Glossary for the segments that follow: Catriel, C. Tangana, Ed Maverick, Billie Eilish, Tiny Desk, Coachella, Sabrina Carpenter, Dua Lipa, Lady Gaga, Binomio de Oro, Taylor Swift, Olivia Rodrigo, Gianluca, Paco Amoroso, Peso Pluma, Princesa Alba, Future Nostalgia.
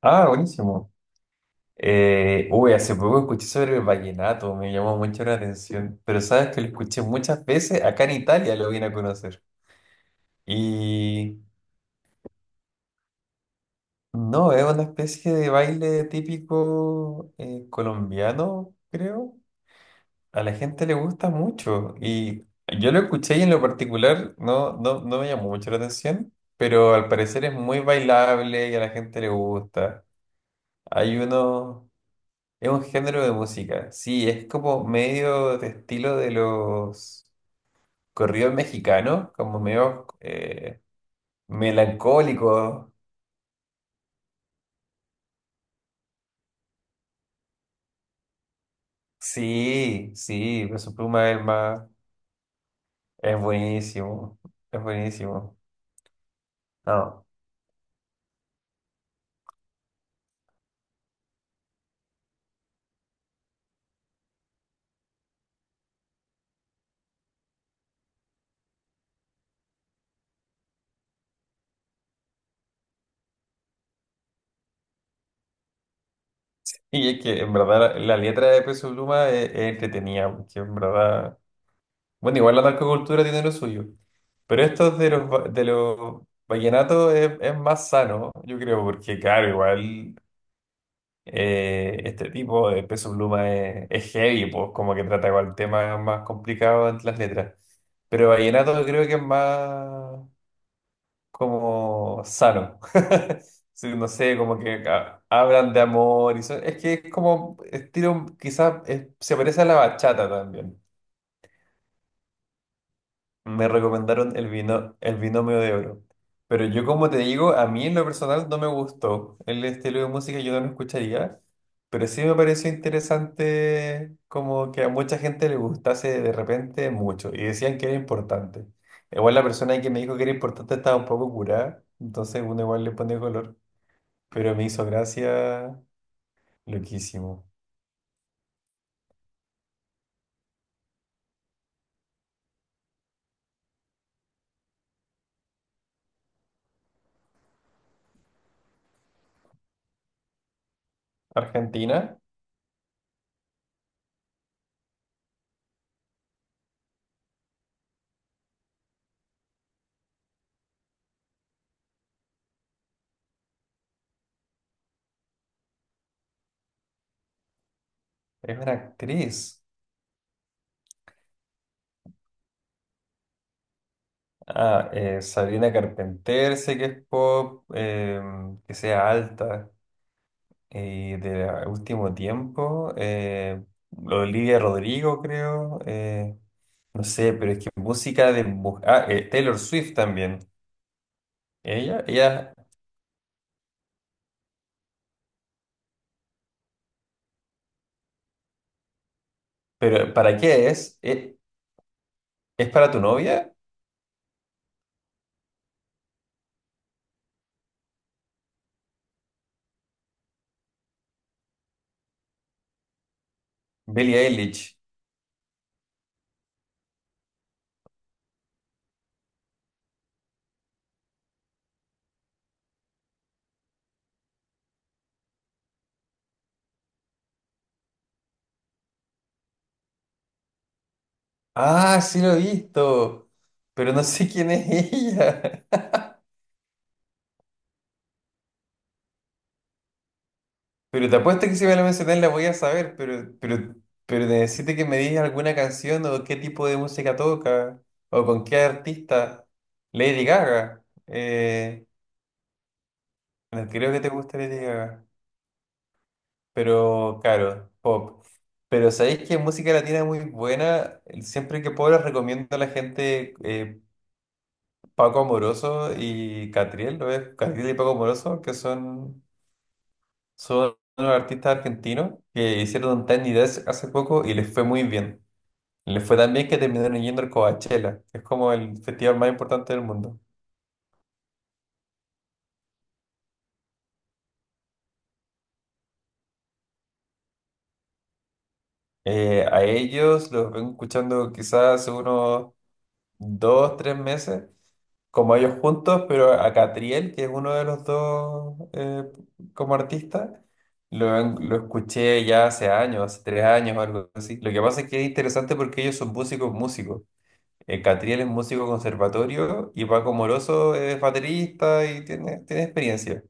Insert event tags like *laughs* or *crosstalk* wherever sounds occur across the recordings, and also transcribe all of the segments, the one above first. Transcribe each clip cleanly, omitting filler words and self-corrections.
Ah, buenísimo. Uy, hace poco escuché sobre el vallenato, me llamó mucho la atención, pero sabes que lo escuché muchas veces, acá en Italia lo vine a conocer. Y no, es una especie de baile típico colombiano, creo. A la gente le gusta mucho y yo lo escuché y en lo particular no, no, no me llamó mucho la atención, pero al parecer es muy bailable y a la gente le gusta. Hay uno... Es un género de música, sí, es como medio de estilo de los corridos mexicanos, como medio melancólico. Sí, sí, Peso Pluma es es buenísimo, es buenísimo. No. Y es que en verdad la letra de Peso Pluma es entretenida, porque en verdad, bueno, igual la narcocultura tiene lo suyo, pero esto de los, de los vallenatos es más sano, yo creo, porque claro, igual. Este tipo de Peso Pluma es heavy, pues como que trata con el tema más complicado entre las letras. Pero vallenato creo que es más como sano. *laughs* Sí, no sé, como que hablan de amor y eso es que es como estilo, quizás se parece a la bachata también. Me recomendaron el binomio de oro. Pero yo, como te digo, a mí en lo personal no me gustó el estilo de música, yo no lo escucharía. Pero sí me pareció interesante como que a mucha gente le gustase de repente mucho y decían que era importante. Igual la persona que me dijo que era importante estaba un poco curada, entonces uno igual le pone color. Pero me hizo gracia, loquísimo. Argentina es una actriz. Ah, Sabrina Carpenter, sé que es pop, que sea alta y de último tiempo. Olivia Rodrigo, creo. No sé, pero es que música. Ah, Taylor Swift también. Ella. ¿Pero para qué es? ¿Es para tu novia? Billie Eilish. Ah, sí lo he visto, pero no sé quién es *laughs* ella. Pero te apuesto que si me la mencionas la voy a saber, pero necesito que me digas alguna canción o qué tipo de música toca o con qué artista. Lady Gaga. No creo que te guste Lady Gaga, pero claro, pop. Pero sabéis que música latina es muy buena. Siempre que puedo les recomiendo a la gente Paco Amoroso y Catriel, ¿lo ves? Catriel y Paco Amoroso, que son unos artistas argentinos que hicieron un Tiny Desk hace poco y les fue muy bien. Le fue tan bien que terminaron yendo al Coachella, que es como el festival más importante del mundo. A ellos los vengo escuchando quizás hace unos 2, 3 meses, como ellos juntos, pero a Catriel, que es uno de los dos como artista, lo escuché ya hace años, hace 3 años o algo así. Lo que pasa es que es interesante porque ellos son músicos, músicos. Catriel es músico conservatorio y Paco Moroso es baterista y tiene experiencia.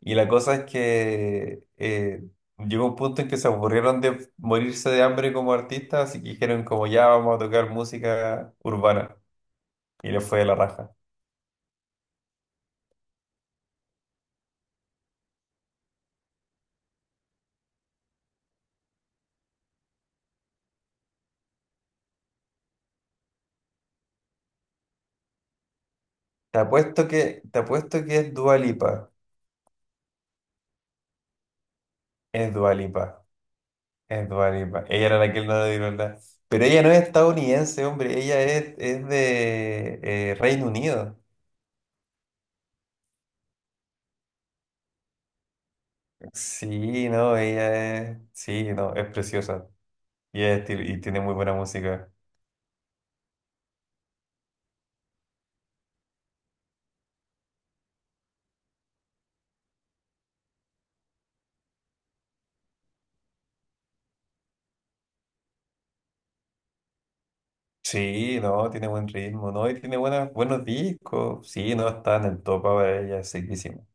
Y la cosa es que llegó un punto en que se aburrieron de morirse de hambre como artistas, así que dijeron como ya vamos a tocar música urbana. Y le fue de la raja. Te apuesto que es Dua Lipa. Es Dua Lipa. Es Dua Lipa. Ella era la que no le dieron nada. Pero ella no es estadounidense, hombre. Ella es de Reino Unido. Sí, no, ella es... Sí, no, es preciosa. Y tiene muy buena música. Sí, no, tiene buen ritmo, no, y tiene buenas, buenos discos. Sí, no, está en el top ahora ella, seguísimo.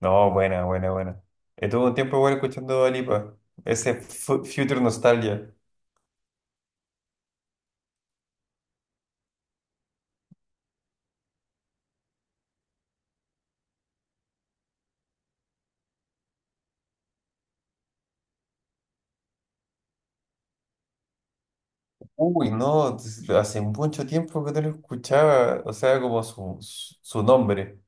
No, buena, buena, buena. Estuve un tiempo igual escuchando Dua Lipa, ese Future Nostalgia. Uy, no, hace mucho tiempo que no lo escuchaba, o sea, como su nombre.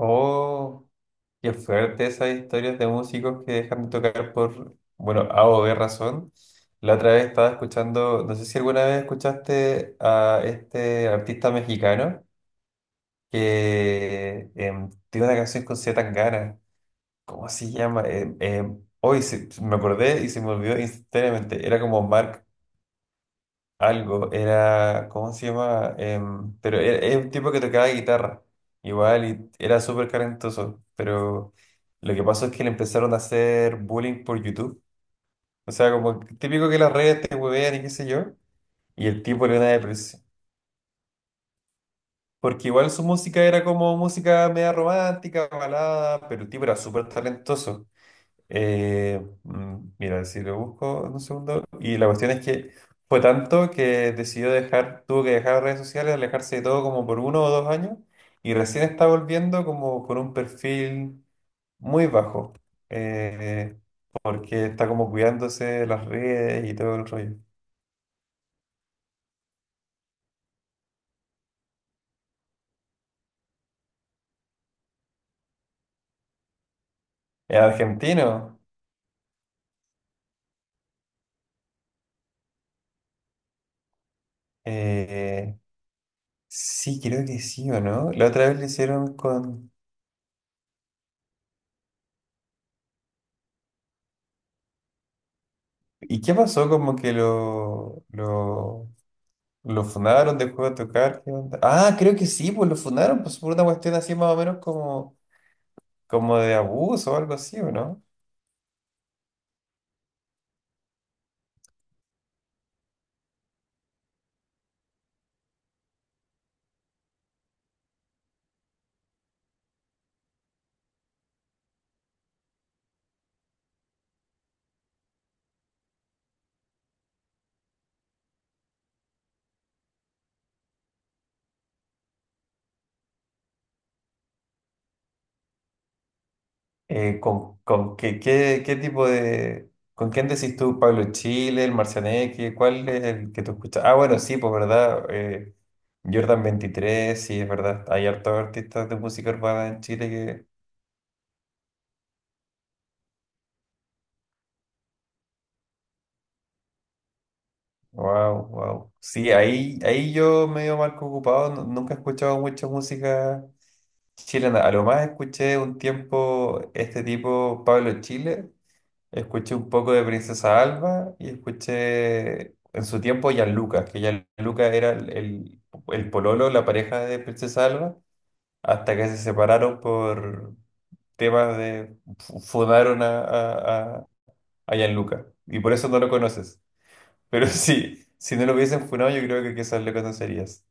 Oh, qué fuerte esas historias de músicos que dejan de tocar por, bueno, A o B razón. La otra vez estaba escuchando, no sé si alguna vez escuchaste a este artista mexicano que tiene una canción con C. Tangana. ¿Cómo se llama? Hoy me acordé y se me olvidó instantáneamente. Era como Mark algo. ¿Cómo se llama? Pero era un tipo que tocaba guitarra, igual, y era súper talentoso, pero lo que pasó es que le empezaron a hacer bullying por YouTube. O sea, como típico que las redes te huevean y qué sé yo, y el tipo le dio una depresión. Porque igual su música era como música media romántica, balada, pero el tipo era súper talentoso. Mira, si lo busco en un segundo. Y la cuestión es que fue tanto que decidió dejar, tuvo que dejar redes sociales, alejarse de todo como por uno o dos años. Y recién está volviendo como con un perfil muy bajo. eh, Porque está como cuidándose las redes y todo el rollo. ¿Es argentino? Eh, sí, creo que sí o no. La otra vez le hicieron con... ¿Y qué pasó? Como que lo funaron, dejó de tocar. ¿Qué onda? Ah, creo que sí, pues lo funaron, pues por una cuestión así más o menos como, como de abuso o algo así, ¿o no? ¿Con qué tipo de... ¿Con quién decís tú, Pablo Chile, el Marcianeque? ¿Cuál es el que tú escuchas? Ah, bueno, sí, pues verdad. Jordan 23 sí, es verdad. Hay hartos artistas de música urbana en Chile. Wow, wow. Sí, ahí, ahí yo medio marco ocupado, nunca he escuchado mucha música chilena. A lo más escuché un tiempo este tipo, Pablo Chile, escuché un poco de Princesa Alba y escuché en su tiempo Gianluca. Que Gianluca era el pololo, la pareja de Princesa Alba, hasta que se separaron por temas de... fundaron a Gianluca y por eso no lo conoces. Pero *laughs* sí, si no lo hubiesen funado, yo creo que quizás le conocerías.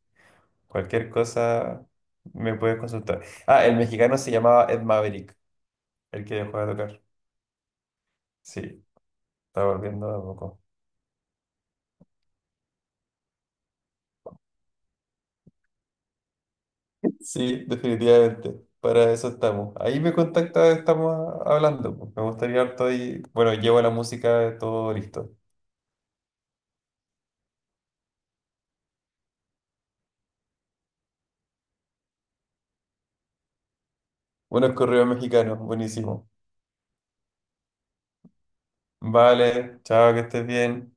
Cualquier cosa me puedes consultar. Ah, el mexicano se llamaba Ed Maverick, el que dejó de tocar. Sí, está volviendo a poco. Sí, definitivamente. Para eso estamos. Ahí me contacta, estamos hablando, pues. Me gustaría harto y bueno, llevo la música, todo listo. Buenos correos mexicanos, buenísimo. Vale, chao, que estés bien.